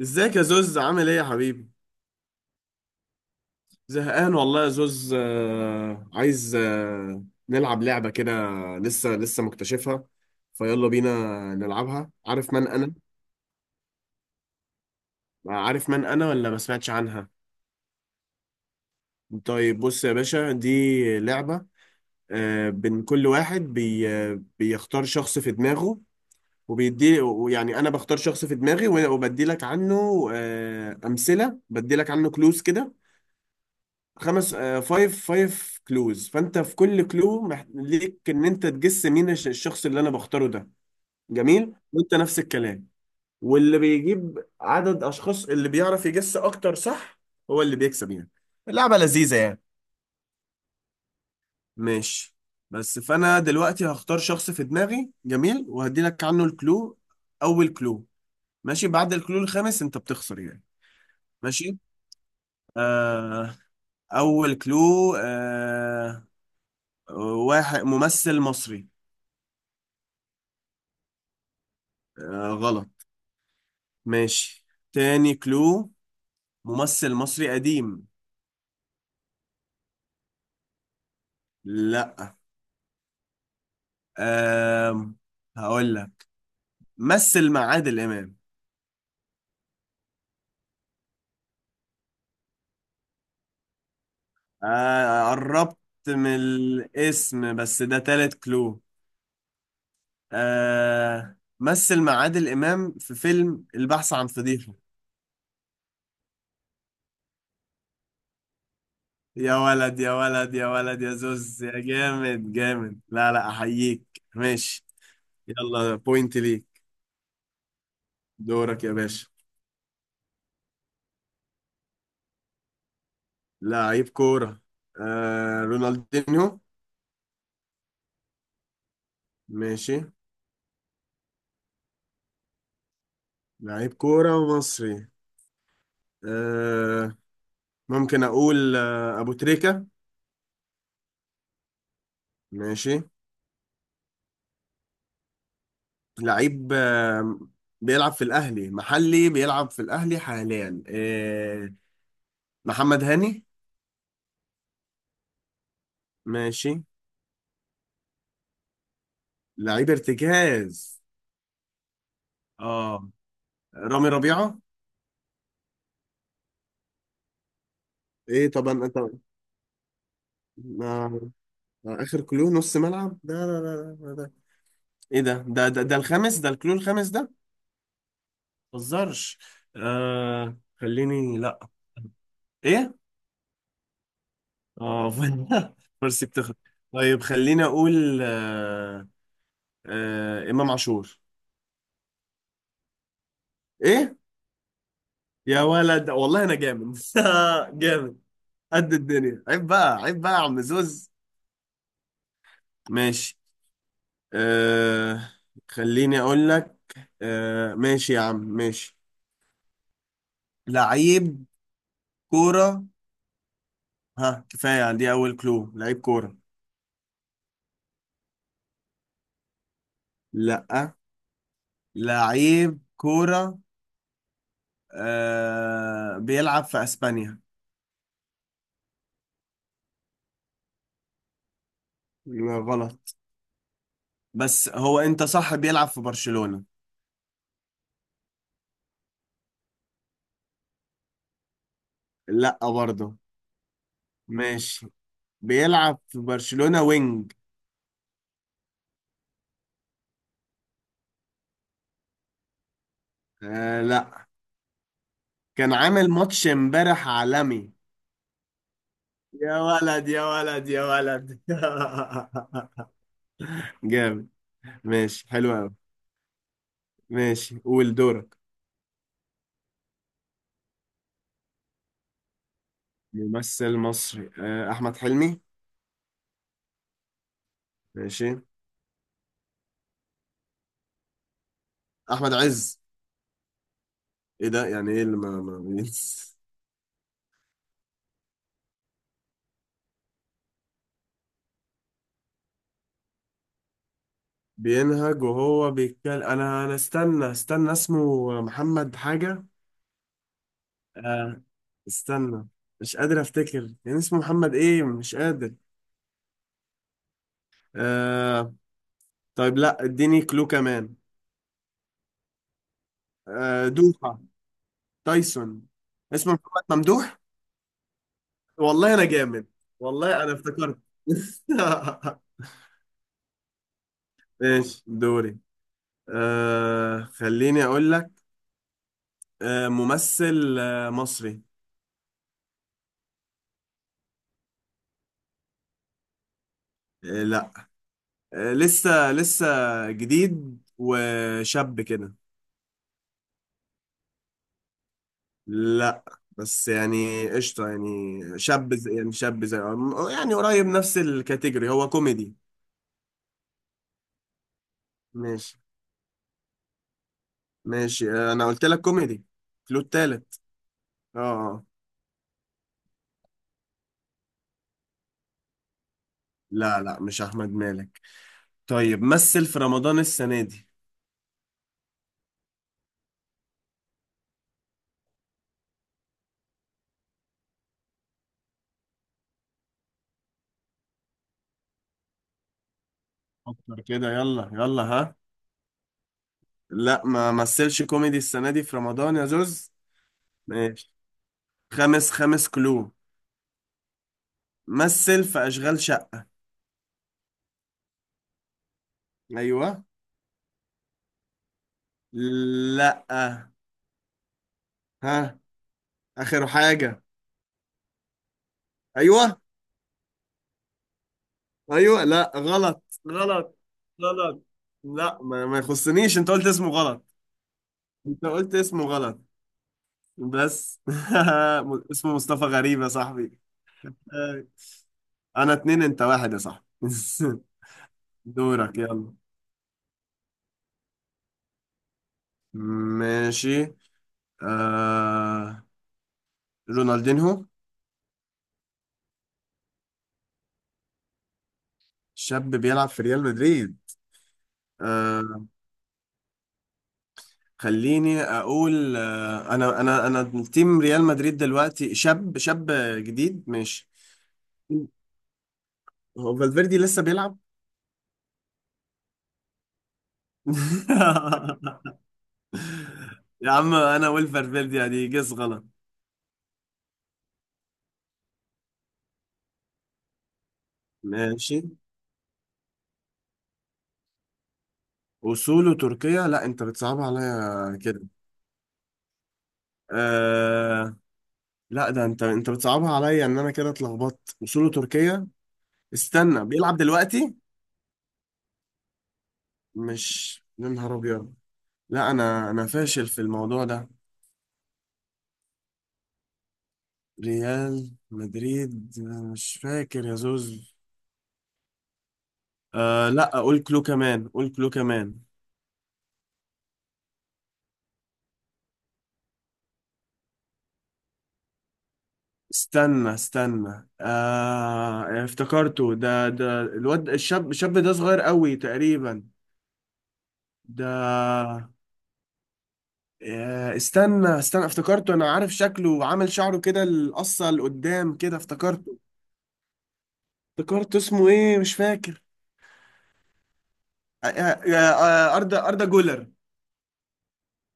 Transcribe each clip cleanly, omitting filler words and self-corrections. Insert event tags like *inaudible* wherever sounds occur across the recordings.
ازيك يا زوز؟ عامل ايه يا حبيبي؟ زهقان والله يا زوز. عايز نلعب لعبة كده. لسه مكتشفها. فيلا بينا نلعبها. عارف من انا؟ عارف من انا ولا ما سمعتش عنها؟ طيب بص يا باشا، دي لعبة. بين كل واحد بي آه، بيختار شخص في دماغه وبيدي. يعني انا بختار شخص في دماغي وبدي لك عنه امثلة. بدي لك عنه كلوز كده. خمس فايف فايف كلوز، فانت في كل كلو ليك ان انت تجس مين الشخص اللي انا بختاره ده. جميل، وانت نفس الكلام. واللي بيجيب عدد اشخاص اللي بيعرف يجس اكتر، صح، هو اللي بيكسب يعني. اللعبة لذيذة يعني. ماشي. بس فانا دلوقتي هختار شخص في دماغي. جميل، وهدي لك عنه الكلو. اول كلو. ماشي، بعد الكلو الخامس انت بتخسر يعني. ماشي. آه. اول كلو. آه. واحد ممثل مصري. آه، غلط. ماشي. تاني كلو. ممثل مصري قديم. لا. آه، هقول لك. مثل مع عادل إمام. آه، قربت من الاسم. بس ده تالت كلو. آه، مثل مع عادل إمام في فيلم البحث عن فضيحة. يا ولد يا ولد يا ولد يا زوز، يا جامد جامد، لا لا، أحييك. ماشي. يلا بوينت ليك. دورك يا باشا. لعيب كورة. آه، رونالدينيو. ماشي. لعيب كورة ومصري. آه، ممكن أقول آه أبو تريكة. ماشي. لعيب آه، بيلعب في الأهلي محلي. بيلعب في الأهلي حاليا. آه، محمد هاني. ماشي. لعيب ارتكاز. اه. رامي ربيعة. ايه طبعا انت. ما... ما اخر كلو نص ملعب ده؟ لا لا لا، ده ايه، ده الخامس، ده الكلو الخامس ده. متهزرش. آه، خليني. لا. ايه. اه. *laughs* مرسي بتخرج. طيب خليني اقول آه. آه، امام عاشور. ايه. يا ولد والله انا جامد. *laughs* جامد. قد الدنيا، عيب بقى، عيب بقى يا عم زوز. ماشي. آه، خليني اقول لك. آه، ماشي يا عم ماشي. لعيب كورة. ها، كفاية. دي اول كلو: لعيب كورة. لا. لعيب كورة. آه، بيلعب في اسبانيا. لا، غلط. بس هو انت صح، بيلعب في برشلونة. لا برضه. ماشي. بيلعب في برشلونة، وينج. آه، لا. كان عامل ماتش امبارح عالمي. يا ولد يا ولد يا ولد. *laughs* جامد. ماشي، حلو قوي. ماشي، قول دورك. ممثل مصري. آه، احمد حلمي. ماشي. احمد عز. ايه ده؟ يعني ايه اللي ما *laughs* بينهج وهو بيتكلم. انا استنى اسمه محمد حاجة. آه، استنى. مش قادر افتكر يعني. اسمه محمد ايه؟ مش قادر. آه. طيب لا، اديني كلو كمان. آه، دوحة. تايسون. اسمه محمد ممدوح. والله انا جامد. والله انا افتكرت. *laughs* ماشي، دوري. آه، خليني اقول لك. آه، ممثل آه مصري. آه، لا. آه، لسه جديد وشاب كده. لا، بس يعني قشطة، يعني شاب زي، يعني شاب زي، يعني قريب نفس الكاتيجوري. هو كوميدي. ماشي. ماشي، انا قلت لك كوميدي. كلو التالت. اه. آه. لا لا، مش احمد مالك. طيب مثل في رمضان السنة دي. فكر كده، يلا يلا ها. لا، ما مثلش كوميدي السنة دي في رمضان يا زوز. ماشي. خامس، خامس كلو. مثل في اشغال شقة. ايوه. لا. ها. اخر حاجة. ايوه. ايوه لا، غلط غلط غلط. لا، ما يخصنيش. انت قلت اسمه غلط. انت قلت اسمه غلط. بس. *laughs* اسمه مصطفى غريب يا صاحبي. آه. انا اتنين، انت واحد يا صاحبي. *laughs* دورك يلا. ماشي. آه... رونالدينهو. شاب بيلعب في ريال مدريد. آه... خليني اقول آه... انا التيم ريال مدريد دلوقتي شاب جديد. ماشي. هو فالفيردي لسه بيلعب. *laughs* يا عم، انا والفرفيرديا دي جس غلط. ماشي. وصوله تركيا، لا انت بتصعبها عليا كده. آه... لا، ده انت بتصعبها عليا ان انا كده اتلخبطت. وصوله تركيا. استنى، بيلعب دلوقتي. مش، يا نهار ابيض. لا، انا فاشل في الموضوع ده. ريال مدريد، أنا مش فاكر يا زوز. آه، لا. قول كلو كمان، قول كلو كمان. استنى آه، افتكرته. ده الواد الشاب، الشاب صغير قوي تقريبا ده. آه، استنى افتكرته. انا عارف شكله وعامل شعره كده القصة لقدام كده. افتكرته. افتكرته اسمه ايه؟ مش فاكر. آه أردا، أردا جولر.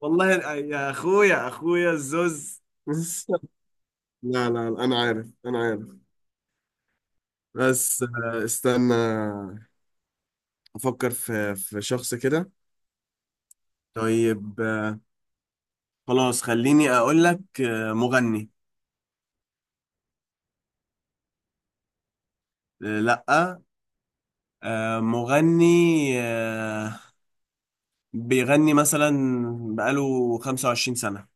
والله يا اخويا، اخويا الزوز. *laughs* لا لا لا، انا عارف، انا عارف. بس استنى. افكر في شخص كده. طيب خلاص خليني اقول لك مغني. لا. مغني. آه، بيغني مثلا بقاله 25 سنة،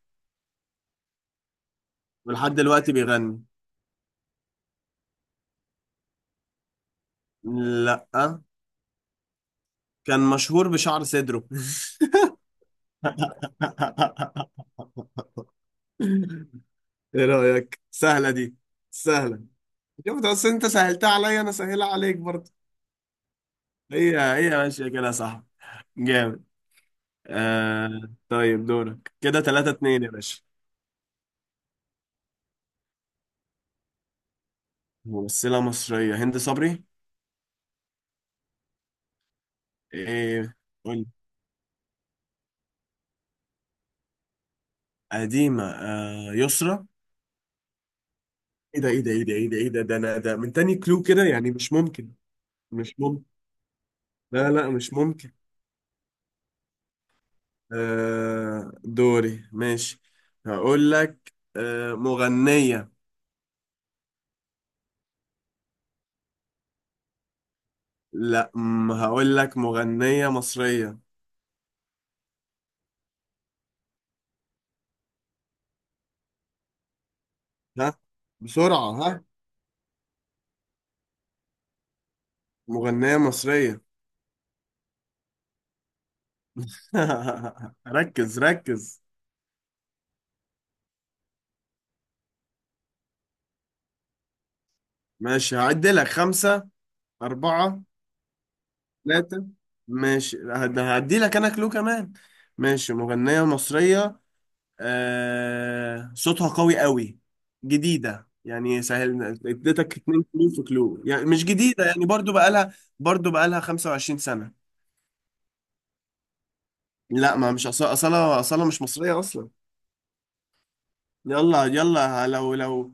ولحد دلوقتي بيغني. لا. كان مشهور بشعر صدره. *laughs* ايه رأيك، سهلة دي؟ سهلة. شفت، اصل انت سهلتها عليا، انا سهلها عليك برضه. هي هي ماشية كده صح. جامد. آه. طيب دورك كده 3 2 يا باشا. ممثلة مصرية. هند صبري. ايه. قول. قديمة، آه يسرا. ايه ده؟ ايه ده ايه ده ايه ده ايه ده ده انا ده من تاني كلو كده يعني. مش ممكن. مش ممكن. لا لا، مش ممكن. آه، دوري. ماشي، هقول لك آه مغنية. لا، أم، هقول لك مغنية مصرية. ها. بسرعة، ها. مغنية مصرية. *laughs* ركز ركز. ماشي، هعد لك خمسة، أربعة، ثلاثة. ماشي. هدي لك انا كلو كمان. ماشي، مغنية مصرية. آه... صوتها قوي قوي. جديدة، يعني سهل. اديتك اتنين كلو في كلو، يعني مش جديدة يعني. برضو بقالها، برضو بقالها 25 سنة. لا، ما مش أصالة. أصالة مش مصرية أصلا. يلا يلا، لو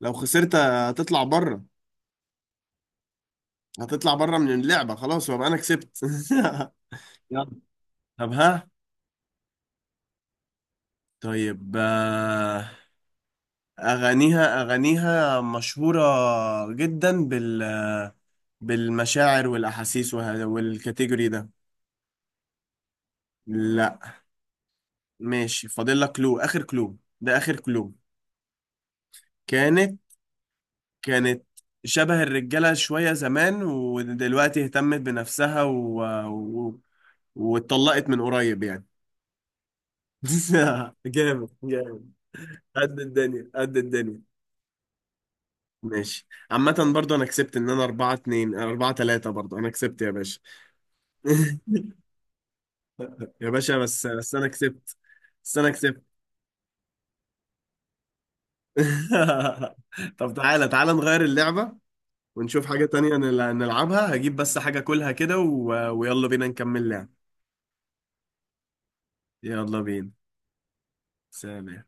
لو خسرت هتطلع بره. هتطلع بره من اللعبة خلاص، وابقى أنا كسبت. *laughs* يلا. طب ها. طيب أغانيها مشهورة جدا بال، بالمشاعر والأحاسيس والكاتيجوري ده. لا. ماشي، فاضل لك كلو. آخر كلو ده، آخر كلو. كانت كانت شبه الرجالة شوية زمان، ودلوقتي اهتمت بنفسها و... و... واتطلقت من قريب يعني. *laughs* جامد جامد، قد الدنيا قد الدنيا. ماشي. عامة برضو أنا كسبت، إن أنا أربعة اتنين، أربعة تلاتة، برضو أنا كسبت يا باشا. *laughs* يا باشا، بس انا كسبت. بس انا كسبت. *laughs* طب تعالى تعالى نغير اللعبة ونشوف حاجة تانية نلعبها. هجيب بس حاجة كلها كده و... ويلا بينا نكمل لعب. يلا بينا. سلام.